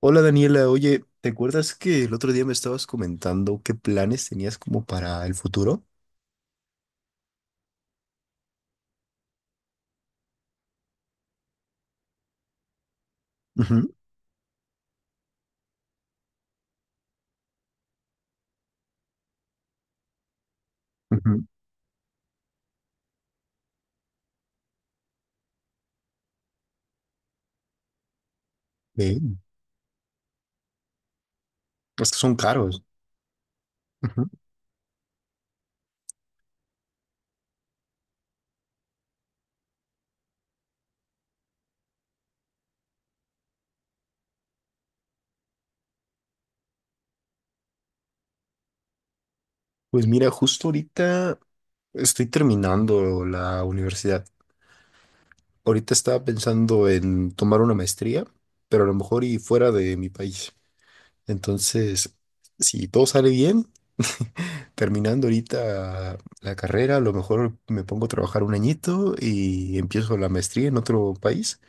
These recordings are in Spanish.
Hola Daniela, oye, ¿te acuerdas que el otro día me estabas comentando qué planes tenías como para el futuro? Ujú, ujú. Eh, es que son caros. Ujú. Pues mira, justo ahorita estoy terminando la universidad. Ahorita estaba pensando en tomar una maestría, pero a lo mejor y fuera de mi país. Entonces, si todo sale bien, terminando ahorita la carrera, a lo mejor me pongo a trabajar un añito y empiezo la maestría en otro país.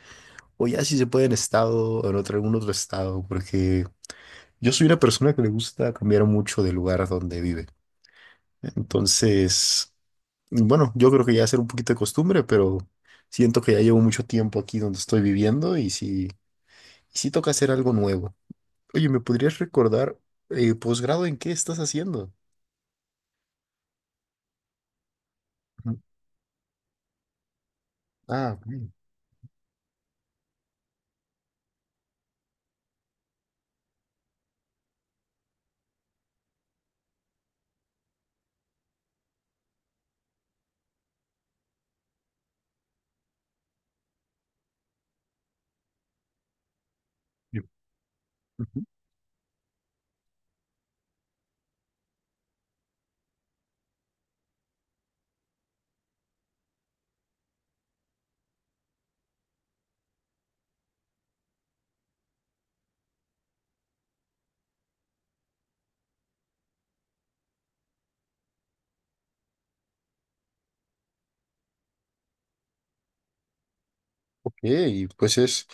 O ya si se puede en estado o en otro, algún otro estado, porque yo soy una persona que le gusta cambiar mucho del lugar donde vive. Entonces, bueno, yo creo que ya será un poquito de costumbre, pero siento que ya llevo mucho tiempo aquí donde estoy viviendo y sí, toca hacer algo nuevo. Oye, ¿me podrías recordar posgrado en qué estás haciendo? Ujú. Ah, ok. Yo- Ujú. Ok, pues es,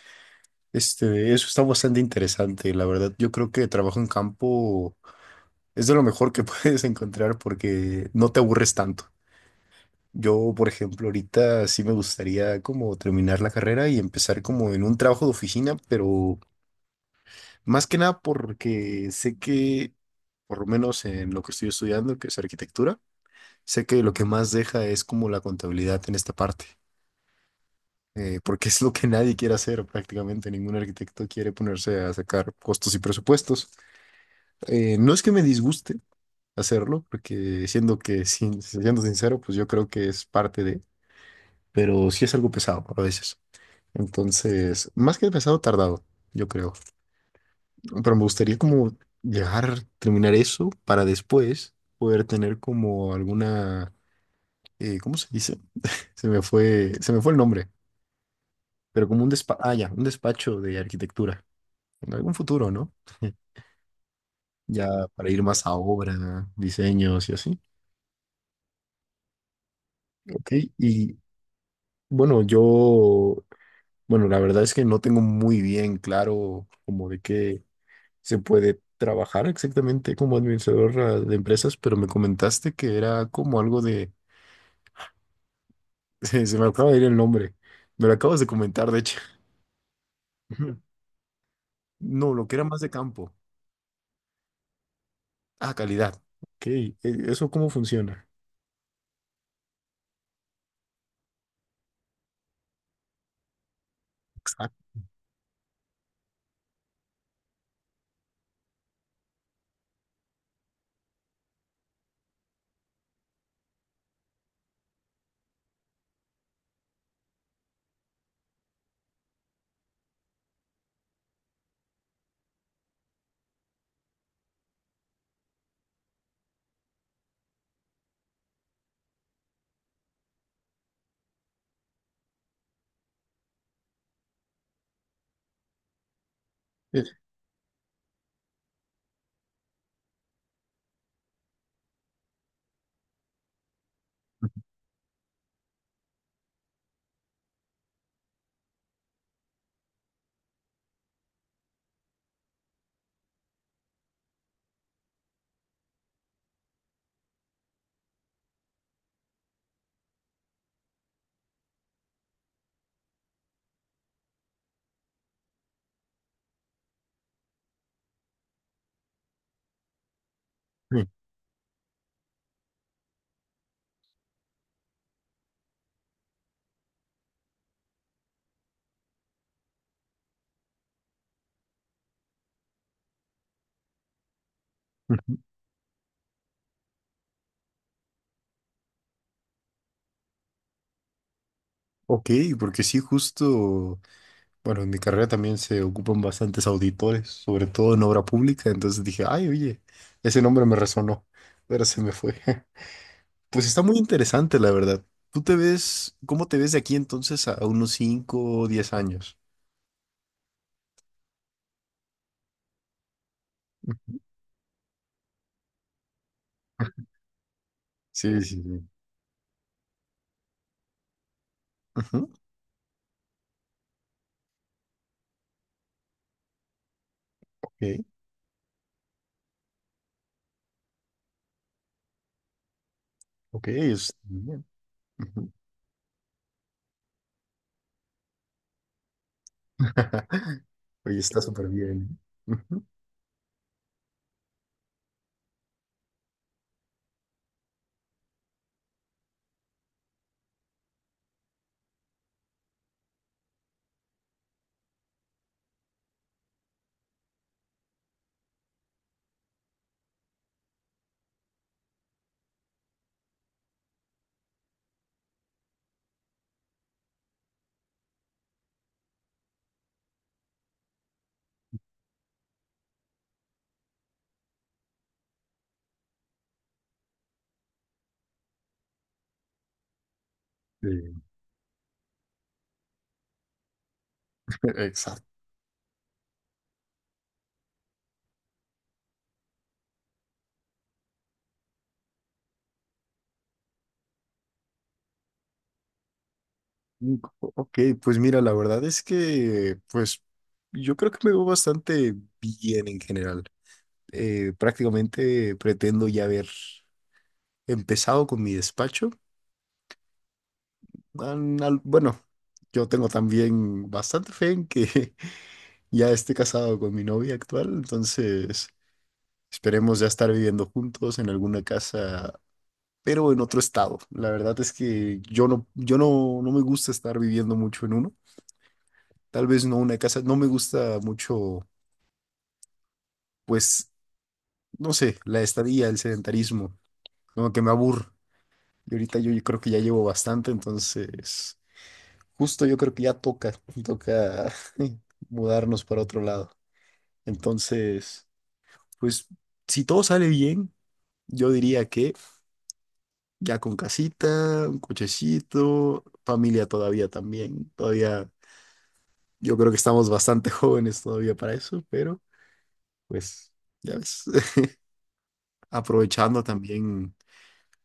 este, eso está bastante interesante, la verdad. Yo creo que trabajo en campo. Es de lo mejor que puedes encontrar porque no te aburres tanto. Yo, por ejemplo, ahorita sí me gustaría como terminar la carrera y empezar como en un trabajo de oficina, pero más que nada porque sé que, por lo menos en lo que estoy estudiando, que es arquitectura, sé que lo que más deja es como la contabilidad en esta parte, porque es lo que nadie quiere hacer prácticamente. Ningún arquitecto quiere ponerse a sacar costos y presupuestos. No es que me disguste hacerlo, porque siendo que, sin, siendo sincero, pues yo creo que es parte de, pero sí es algo pesado a veces. Entonces, más que pesado, tardado, yo creo. Pero me gustaría como llegar, terminar eso para después poder tener como alguna, ¿cómo se dice? Se me fue el nombre, pero como un despacho, ah, ya, un despacho de arquitectura. En algún futuro, ¿no? Ya para ir más a obra, diseños y así. Ok, y bueno, yo Bueno, la verdad es que no tengo muy bien claro como de qué se puede trabajar exactamente como administrador de empresas, pero me comentaste que era como algo de... Se me acaba de ir el nombre. Me lo acabas de comentar, de hecho. Ujú. No, lo que era más de campo. Ah, calidad. Ok, ¿eso cómo funciona? Exacto. Eh, ujú. Ok, porque sí, justo. Bueno, en mi carrera también se ocupan bastantes auditores, sobre todo en obra pública, entonces dije, ay, oye, ese nombre me resonó, pero se me fue. Pues está muy interesante, la verdad. Cómo te ves de aquí entonces a unos 5 o 10 años? Sí, sí, sí. Ujú. Ok, ok, está bien. Ujú. Oye, está súper bien. ¿Eh? Ujú. Sí, exacto. Ok, pues mira, la verdad es que, pues, yo creo que me veo bastante bien en general. Prácticamente pretendo ya haber empezado con mi despacho. Bueno, yo tengo también bastante fe en que ya esté casado con mi novia actual, entonces esperemos ya estar viviendo juntos en alguna casa, pero en otro estado. La verdad es que yo no, yo no, no me gusta estar viviendo mucho en uno. Tal vez no una casa, no me gusta mucho, pues, no sé, la estadía, el sedentarismo, como que me aburre. Y ahorita yo creo que ya llevo bastante, entonces justo yo creo que ya toca, toca mudarnos para otro lado. Entonces, pues si todo sale bien, yo diría que ya con casita, un cochecito, familia todavía también, todavía yo creo que estamos bastante jóvenes todavía para eso, pero pues ya ves, aprovechando también,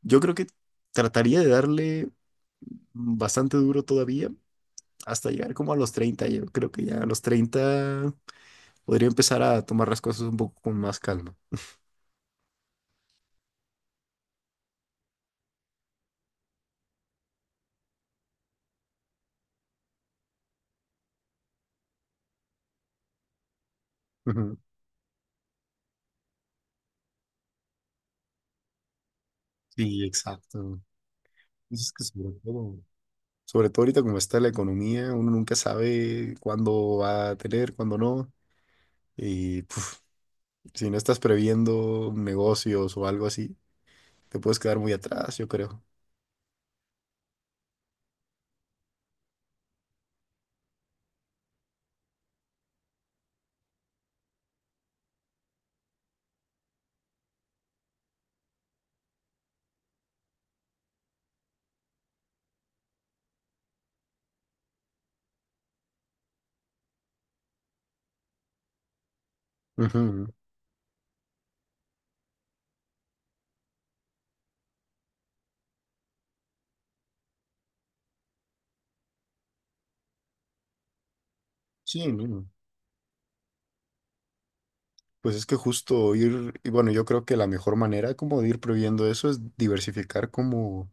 yo creo que trataría de darle bastante duro todavía hasta llegar como a los 30. Yo creo que ya a los 30 podría empezar a tomar las cosas un poco con más calma. Ujú. Sí, exacto. Pues es que sobre todo ahorita como está la economía, uno nunca sabe cuándo va a tener, cuándo no. Y puf, si no estás previendo negocios o algo así, te puedes quedar muy atrás, yo creo. Ujú. Sí, no. Pues es que justo ir, y bueno, yo creo que la mejor manera como de ir previendo eso es diversificar como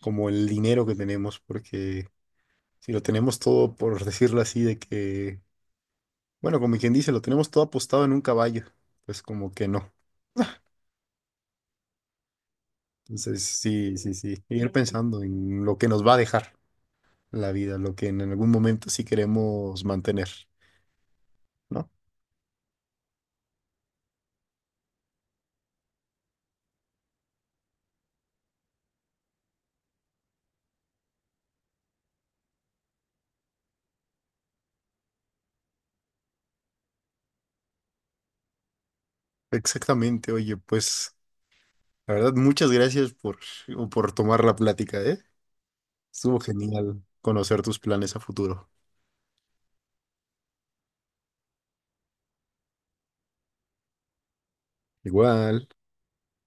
como el dinero que tenemos, porque si lo tenemos todo, por decirlo así, de que, bueno, como quien dice, lo tenemos todo apostado en un caballo, pues como que no. Entonces, sí, sí, sí, ir pensando en lo que nos va a dejar la vida, lo que en algún momento sí queremos mantener, ¿no? Exactamente, oye, pues la verdad, muchas gracias por tomar la plática, ¿eh? Estuvo genial conocer tus planes a futuro. Igual.